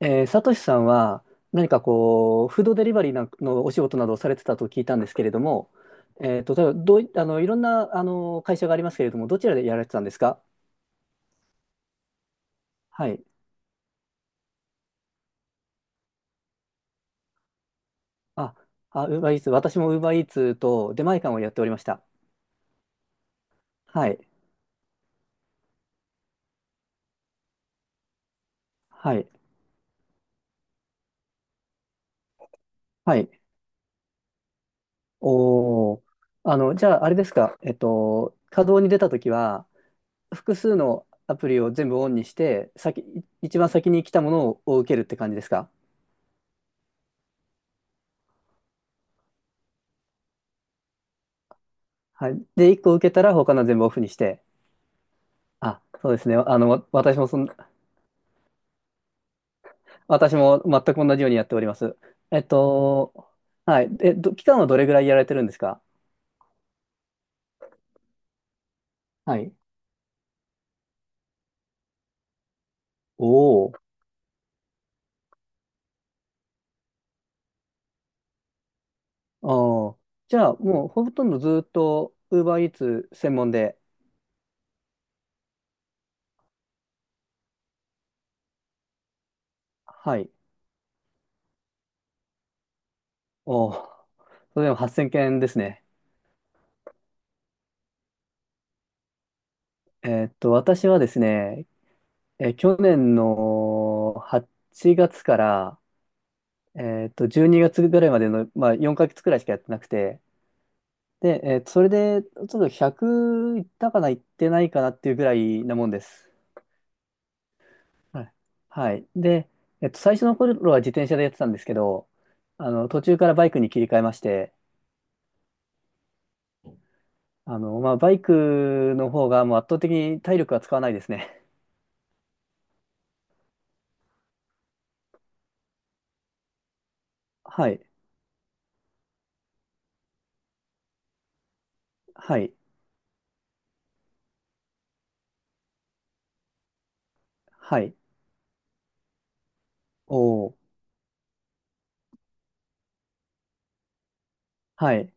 サトシさんは何かこう、フードデリバリーなんのお仕事などをされてたと聞いたんですけれども、例えばどうい、あの、いろんな、会社がありますけれども、どちらでやられてたんですか？はい。あ、あ、ウーバーイーツ、私もウーバーイーツと出前館をやっておりました。はい。はい。はい。おー。じゃあ、あれですか、稼働に出たときは、複数のアプリを全部オンにして、一番先に来たものを受けるって感じですか？はい。で、1個受けたら他の全部オフにして。あ、そうですね。あの、わ私もそん、私も全く同じようにやっております。えっと、はい。期間はどれぐらいやられてるんですか？はい。おお。おー、じゃあ、もうほとんどずっと Uber Eats 専門で、はい。おー、それでも8000件ですね。私はですね、去年の8月から、12月ぐらいまでの、まあ、4ヶ月くらいしかやってなくて、で、それで、ちょっと100いったかな、いってないかなっていうぐらいなもんです。はい。はい。で、最初の頃は自転車でやってたんですけど、途中からバイクに切り替えまして、まあ、バイクの方がもう圧倒的に体力は使わないですね。はい。はい。はい。おー。はい。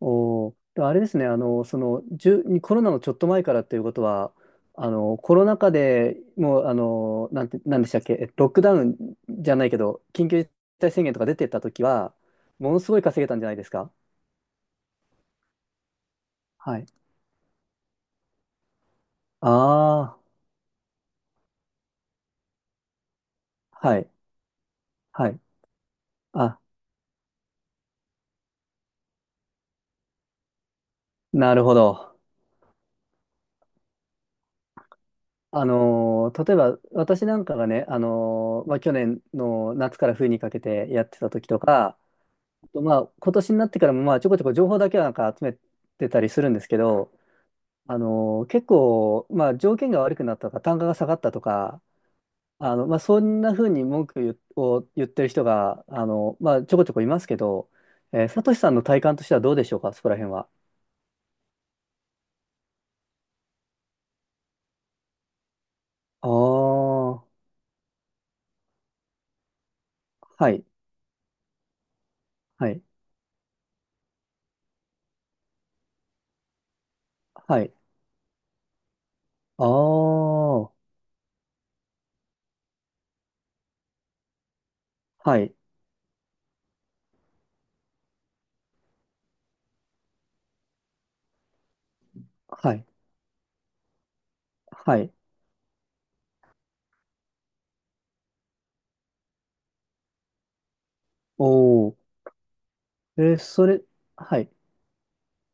おー、でもあれですね、コロナのちょっと前からっていうことは、コロナ禍でもう、なんて、なんでしたっけ、ロックダウンじゃないけど、緊急事態宣言とか出てった時は、ものすごい稼げたんじゃないですか？はい。ああ、はい、はい。あ、なるほど。例えば、私なんかがね、まあ、去年の夏から冬にかけてやってた時とか、あとまあ、今年になってからも、まあ、ちょこちょこ情報だけはなんか集めてたりするんですけど、結構、まあ、条件が悪くなったとか、単価が下がったとか、まあ、そんなふうに文句言を言ってる人が、まあ、ちょこちょこいますけど、サトシさんの体感としてはどうでしょうか、そこら辺は。ああ、はい、はい、はい。ああ、はい、はい、はい。おお。えーそれ、はい。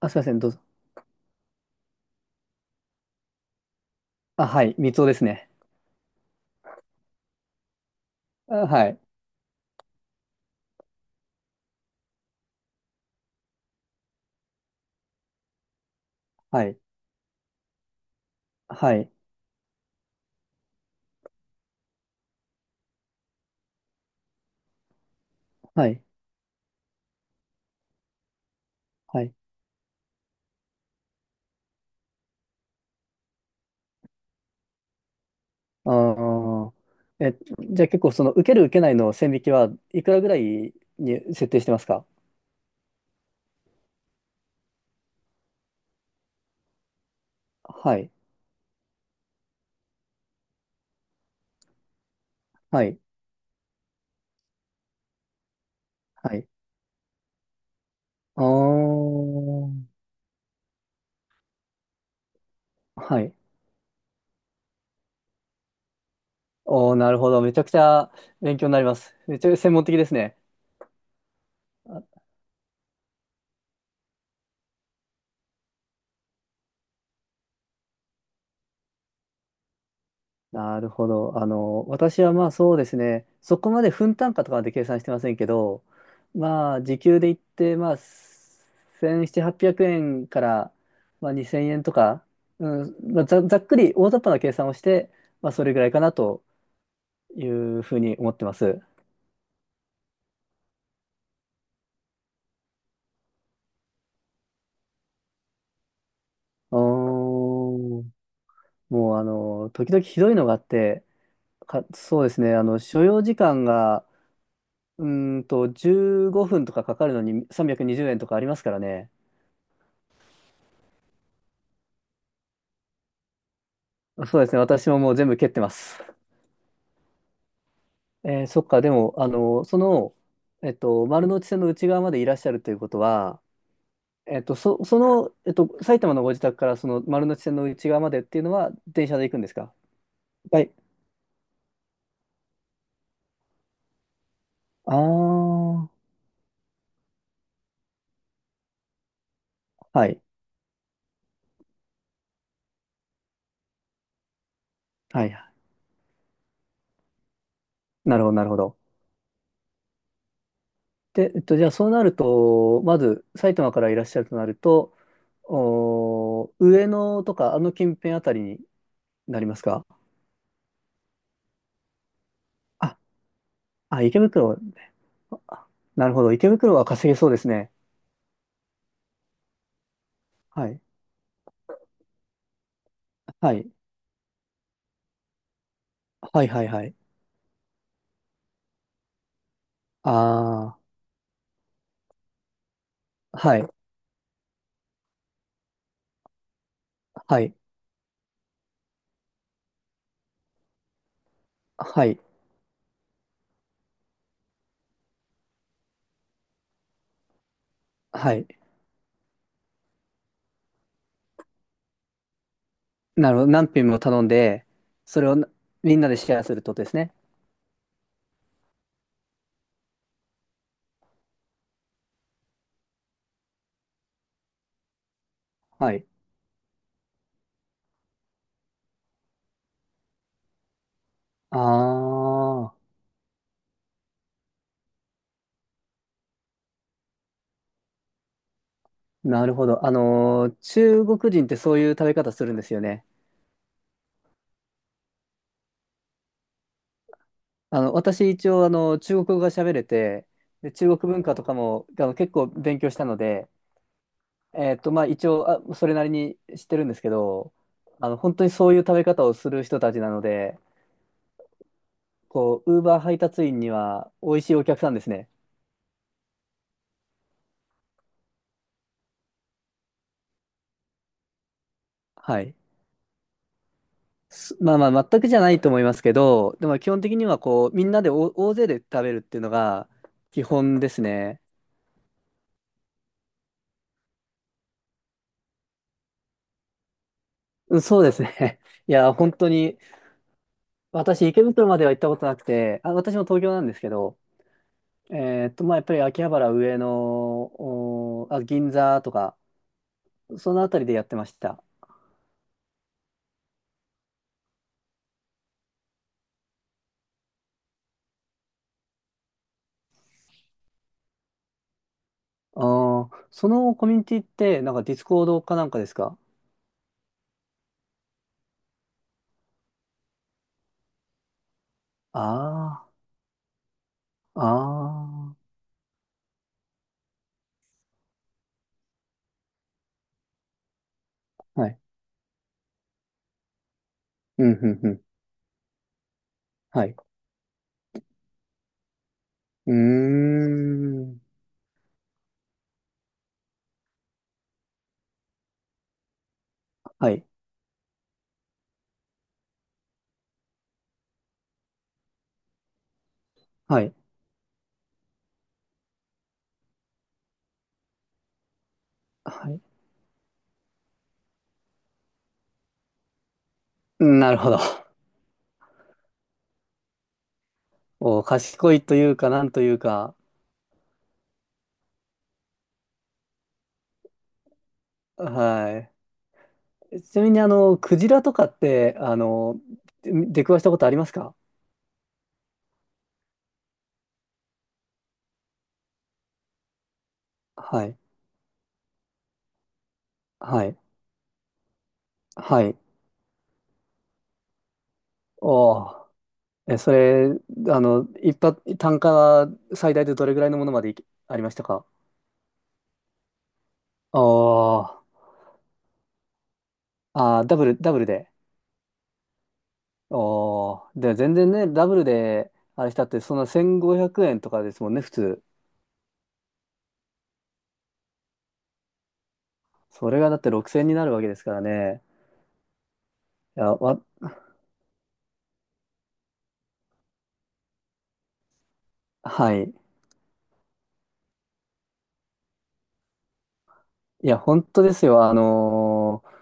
あ、すいません、どうぞ。あ、はい、三つおですね。あ、はい、はい、はい、はい、はい。ああ。え、じゃあ結構その受ける受けないの線引きはいくらぐらいに設定してますか？はい。はい。はい。ああ。はい。おー、なるほど。めちゃくちゃ勉強になります。めっちゃ専門的ですね。なるほど。私はまあそうですね、そこまで分単価とかまで計算してませんけど、まあ時給で言って、まあ1700、800円から、まあ、2000円とか、うん、まあ、ざっくり大雑把な計算をして、まあそれぐらいかなというふうに思ってます。おー、もう時々ひどいのがあって、そうですね、所要時間が、15分とかかかるのに320円とかありますからね。そうですね。私ももう全部蹴ってます。そっか。でも、丸の内線の内側までいらっしゃるということは、埼玉のご自宅からその丸の内線の内側までっていうのは電車で行くんですか？はい。ああ、はい。はい。なるほど、なるほど。で、じゃあそうなると、まず埼玉からいらっしゃるとなると、おー、上野とかあの近辺あたりになりますか？あ、あ、池袋、あ、なるほど。池袋は稼げそうですね。はい。はい。はいはいはい。ああ、はい。はい。はい。はい。なるほど。何品も頼んで、それをみんなでシェアするってことですね。はい。ああ、なるほど。中国人ってそういう食べ方するんですよね。私一応、中国語が喋れて、で、中国文化とかも、結構勉強したので、まあ、一応、それなりに知ってるんですけど、本当にそういう食べ方をする人たちなので、こう、ウーバー配達員には美味しいお客さんですね。はい。まあまあ、全くじゃないと思いますけど、でも基本的にはこう、みんなで大勢で食べるっていうのが基本ですね。うん、そうですね。いや、本当に、私、池袋までは行ったことなくて、あ、私も東京なんですけど、まあ、やっぱり秋葉原、上野、おーあ、銀座とか、そのあたりでやってました。あそのコミュニティって、なんかディスコードかなんかですか？ああー、ああー。うん、うん、うん。はい。うーん。はい。はい。はい。なるほど。お、賢いというか、なんというか。はい。ちなみに、クジラとかって、出くわしたことありますか？はい。はい。はい。おー。え、それ、あの、一発、単価は最大でどれぐらいのものまでいけありましたか？おーあー、ダブルで。で、全然ね、ダブルで、あれしたって、その1500円とかですもんね、普通。それがだって6000円になるわけですからね。いや、はい。いや、本当ですよ。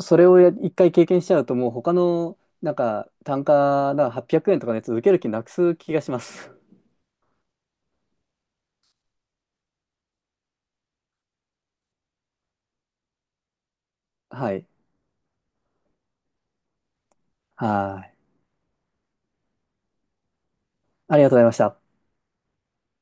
それを一回経験しちゃうと、もう他の、なんか、なんか800円とかのやつ受ける気なくす気がします。はい。はい。ありがとうございました。